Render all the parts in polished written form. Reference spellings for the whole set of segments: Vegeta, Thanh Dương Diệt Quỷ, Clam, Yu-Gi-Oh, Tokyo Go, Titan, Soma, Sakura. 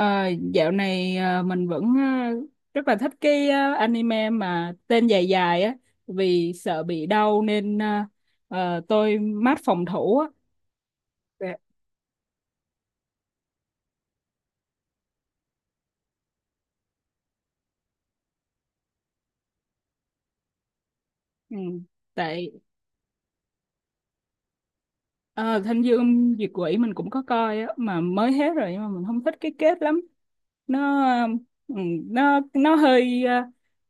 Ờ, dạo này mình vẫn rất là thích cái anime mà tên dài dài á vì sợ bị đau nên tôi mát phòng thủ á. Dạ. Ừ. Tại ờ, Thanh Dương Diệt Quỷ mình cũng có coi á mà mới hết rồi nhưng mà mình không thích cái kết lắm. Nó ờ, ừ, nó hơi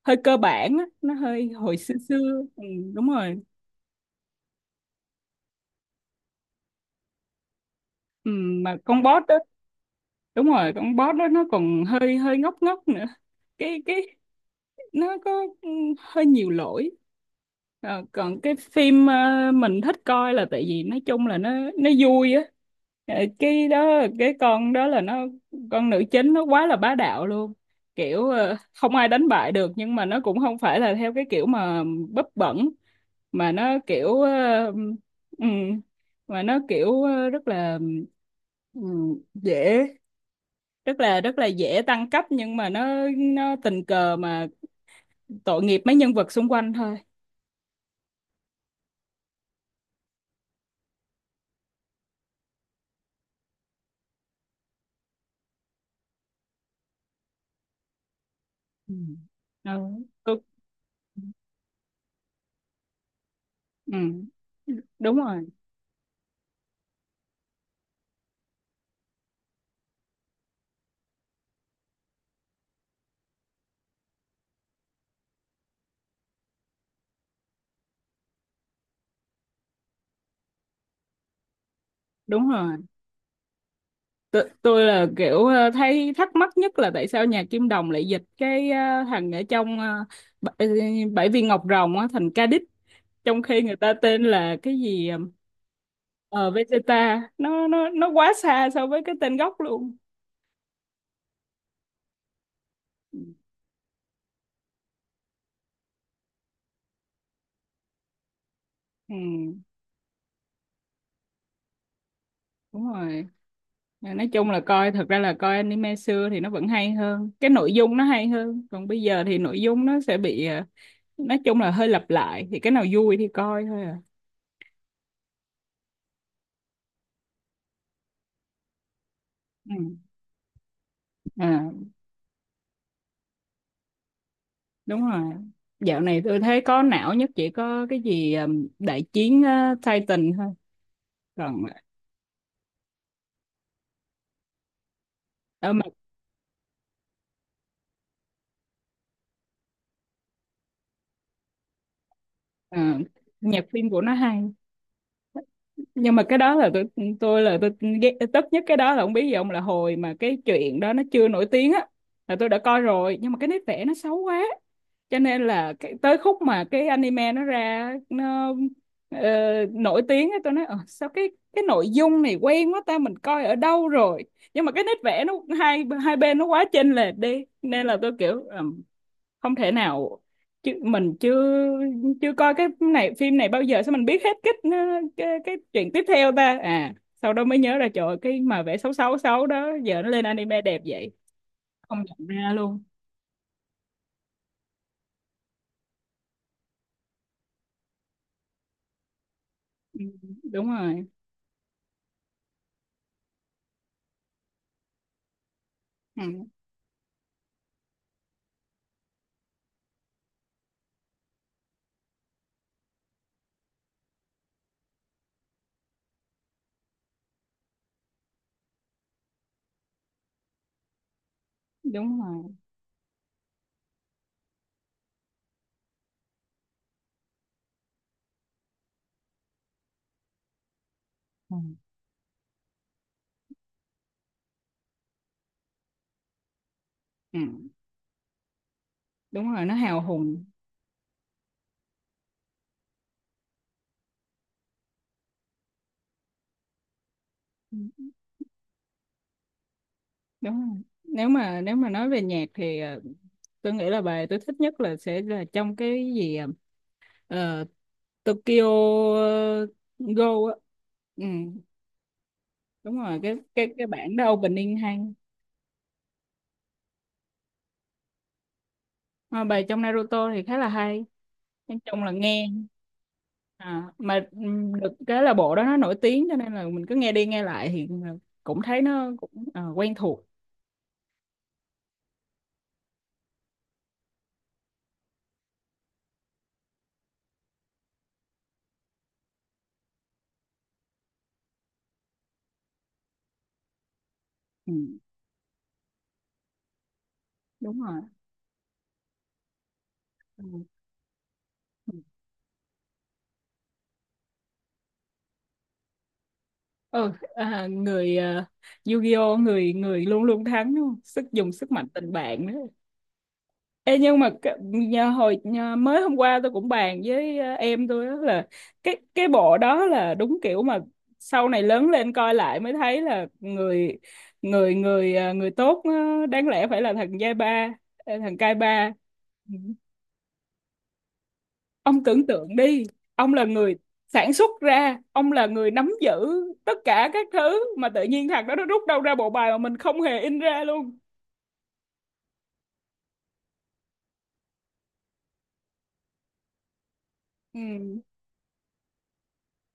hơi cơ bản á, nó hơi hồi xưa xưa. Ừ, đúng rồi. Ừ, mà con boss đó, đúng rồi, con boss đó nó còn hơi hơi ngốc ngốc nữa. Cái Nó có hơi nhiều lỗi. Còn cái phim mình thích coi là tại vì nói chung là nó vui á. Cái đó, cái con đó, là nó, con nữ chính nó quá là bá đạo luôn, kiểu không ai đánh bại được, nhưng mà nó cũng không phải là theo cái kiểu mà bấp bẩn, mà nó kiểu ừm, rất là dễ, rất là dễ tăng cấp, nhưng mà nó tình cờ mà tội nghiệp mấy nhân vật xung quanh thôi. Ừ. Ừ. tôi- ừ. Đúng rồi. Đúng rồi. Tôi là kiểu thấy thắc mắc nhất là tại sao nhà Kim Đồng lại dịch cái thằng ở trong bảy, bảy viên ngọc rồng á thành Ca-đích, trong khi người ta tên là cái gì. Ờ ờ, Vegeta, nó quá xa so với cái tên gốc luôn. Ừ, đúng rồi. Mà nói chung là coi, thật ra là coi anime xưa thì nó vẫn hay hơn, cái nội dung nó hay hơn, còn bây giờ thì nội dung nó sẽ bị nói chung là hơi lặp lại, thì cái nào vui thì coi thôi à. Ừ. À, đúng rồi, dạo này tôi thấy có não nhất chỉ có cái gì đại chiến Titan thôi. Còn ờ, mà ờ, Nhạc phim của nó hay, nhưng mà cái đó là tôi ghét tức nhất. Cái đó là không biết gì ông, là hồi mà cái chuyện đó nó chưa nổi tiếng á là tôi đã coi rồi, nhưng mà cái nét vẽ nó xấu quá, cho nên là cái, tới khúc mà cái anime nó ra nó ờ, nổi tiếng á, tôi nói "Ờ, sao cái nội dung này quen quá ta, mình coi ở đâu rồi, nhưng mà cái nét vẽ nó hai hai bên nó quá chênh lệch đi", nên là tôi kiểu "Ờ, không thể nào, chứ mình chưa, coi cái này, phim này bao giờ, sao mình biết hết cái cái chuyện tiếp theo ta?" À, sau đó mới nhớ ra, trời ơi, cái mà vẽ xấu xấu xấu đó giờ nó lên anime đẹp vậy, không nhận ra luôn. Ừ, đúng rồi. Ừ, đúng rồi. Ừ. Ừ, đúng rồi, nó hào hùng. Ừ, đúng rồi. Nếu mà nếu mà nói về nhạc thì tôi nghĩ là bài tôi thích nhất là sẽ là trong cái gì, ờ, Tokyo ờ, Go á. Ừ. Đúng rồi, cái bản đó opening hay. Mà bài trong Naruto thì khá là hay, nói chung là nghe à, mà được cái là bộ đó nó nổi tiếng cho nên là mình cứ nghe đi nghe lại thì cũng thấy nó cũng quen thuộc. Ừ, đúng rồi. Ừ. Ừ. Ừ, à, Yu-Gi-Oh người người luôn luôn thắng đúng không? Sức, dùng sức mạnh tình bạn nữa. Ê, nhưng mà mới hôm qua tôi cũng bàn với em tôi, đó là cái bộ đó là đúng kiểu mà sau này lớn lên coi lại mới thấy là người người người ờ, người tốt, đáng lẽ phải là thằng giai ba, thằng cai ba. Ừ. Ông tưởng tượng đi, ông là người sản xuất ra, ông là người nắm giữ tất cả các thứ mà tự nhiên thằng đó nó rút đâu ra bộ bài mà mình không hề in ra luôn. Ừ.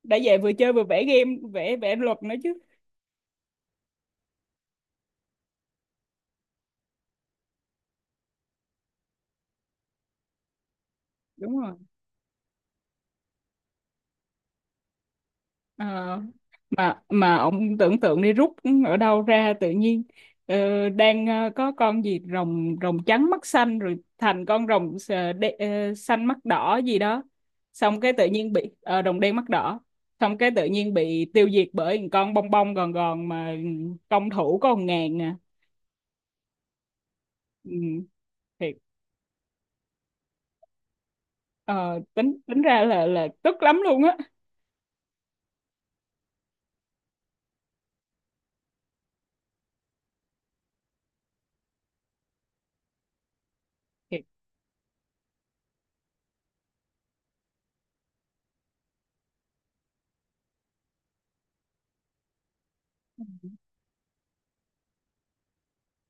Đã vậy vừa chơi vừa vẽ game, vẽ vẽ luật nữa chứ. Đúng rồi. Ờ, mà ông tưởng tượng đi, rút ở đâu ra tự nhiên, đang có con gì rồng rồng trắng mắt xanh, rồi thành con rồng xanh mắt đỏ gì đó, xong cái tự nhiên bị rồng đen mắt đỏ, xong cái tự nhiên bị tiêu diệt bởi một con bông bông gòn gòn mà công thủ có 1.000 à. Ừ, thiệt. Ờ, tính tính ra là tức lắm luôn á.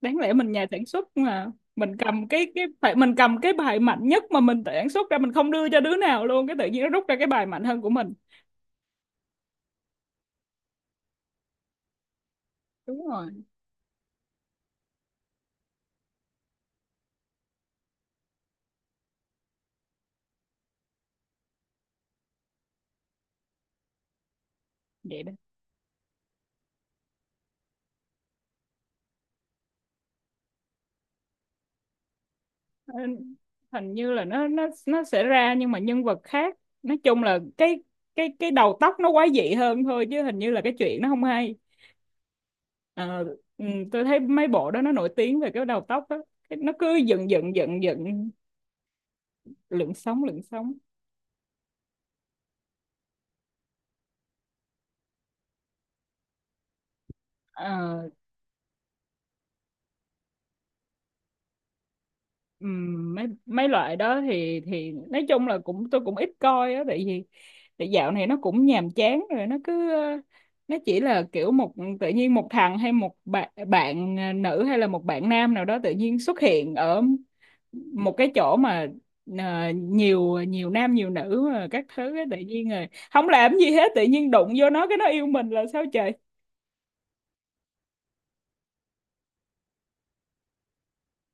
Đáng lẽ mình nhà sản xuất mà mình cầm cái bài mạnh nhất mà mình tự sản xuất ra, mình không đưa cho đứa nào luôn, cái tự nhiên nó rút ra cái bài mạnh hơn của mình. Đúng rồi. Vậy đó. Ờ, Hình như là nó sẽ ra nhưng mà nhân vật khác, nói chung là cái đầu tóc nó quái dị hơn thôi, chứ hình như là cái chuyện nó không hay. Ờ, ừ, tôi thấy mấy bộ đó nó nổi tiếng về cái đầu tóc đó. Cái- nó cứ dựng dựng dựng dựng, lượn sóng lượn sóng. Ờ, mấy mấy loại đó thì nói chung là cũng tôi cũng ít coi á, tại vì tại dạo này nó cũng nhàm chán rồi. Nó cứ nó chỉ là kiểu một, tự nhiên một thằng hay một bạn bạn nữ hay là một bạn nam nào đó tự nhiên xuất hiện ở một cái chỗ mà nhiều nhiều nam nhiều nữ mà các thứ á, tự nhiên rồi không làm gì hết, tự nhiên đụng vô nó cái nó yêu mình là sao trời.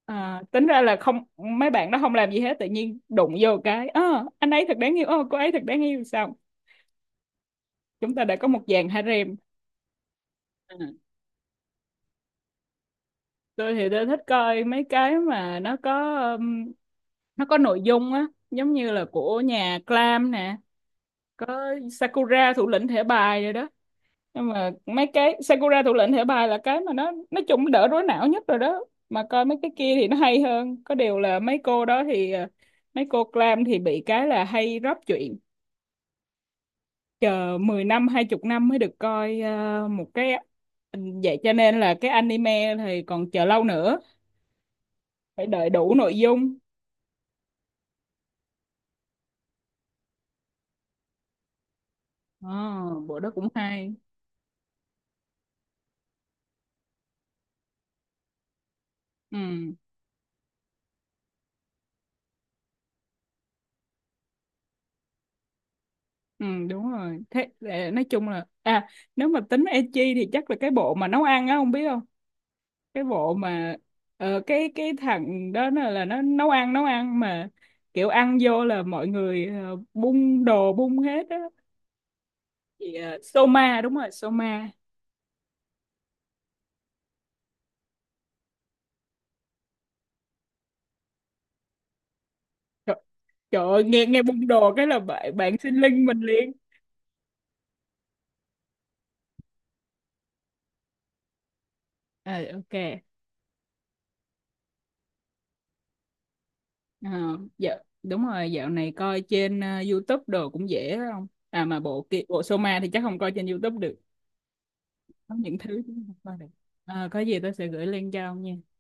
À, tính ra là không, mấy bạn đó không làm gì hết, tự nhiên đụng vô cái "Ơ, anh ấy thật đáng yêu, ơ cô ấy thật đáng yêu, sao chúng ta đã có một dàn harem". Ừ. Tôi thì tôi thích coi mấy cái mà nó có nội dung á, giống như là của nhà Clam nè, có Sakura thủ lĩnh thẻ bài rồi đó. Nhưng mà mấy cái Sakura thủ lĩnh thẻ bài là cái mà nó nói chung nó đỡ rối não nhất rồi đó, mà coi mấy cái kia thì nó hay hơn, có điều là mấy cô đó thì mấy cô Clam thì bị cái là hay drop chuyện, chờ 10 năm 20 năm mới được coi một cái. Ừ, vậy cho nên là cái anime thì còn chờ lâu nữa, phải đợi đủ nội dung. À, bộ đó cũng hay. Ừ, ừ, đúng rồi. Thế để nói chung là à, nếu mà tính ecchi thì chắc là cái bộ mà nấu ăn á, không biết không? Cái bộ mà cái thằng đó là nó nấu ăn mà kiểu ăn vô là mọi người bung đồ bung hết á. Soma, đúng rồi, Soma. Trời, trời ơi, nghe nghe bung đồ cái là bạn bạn xin link mình liền. À, ok. Ờ, dạ, đúng rồi, dạo này coi trên YouTube đồ cũng dễ đó không? À mà bộ Soma thì chắc không coi trên YouTube được. Có những thứ chúng ta không coi được. Có gì tôi sẽ gửi link cho ông nha.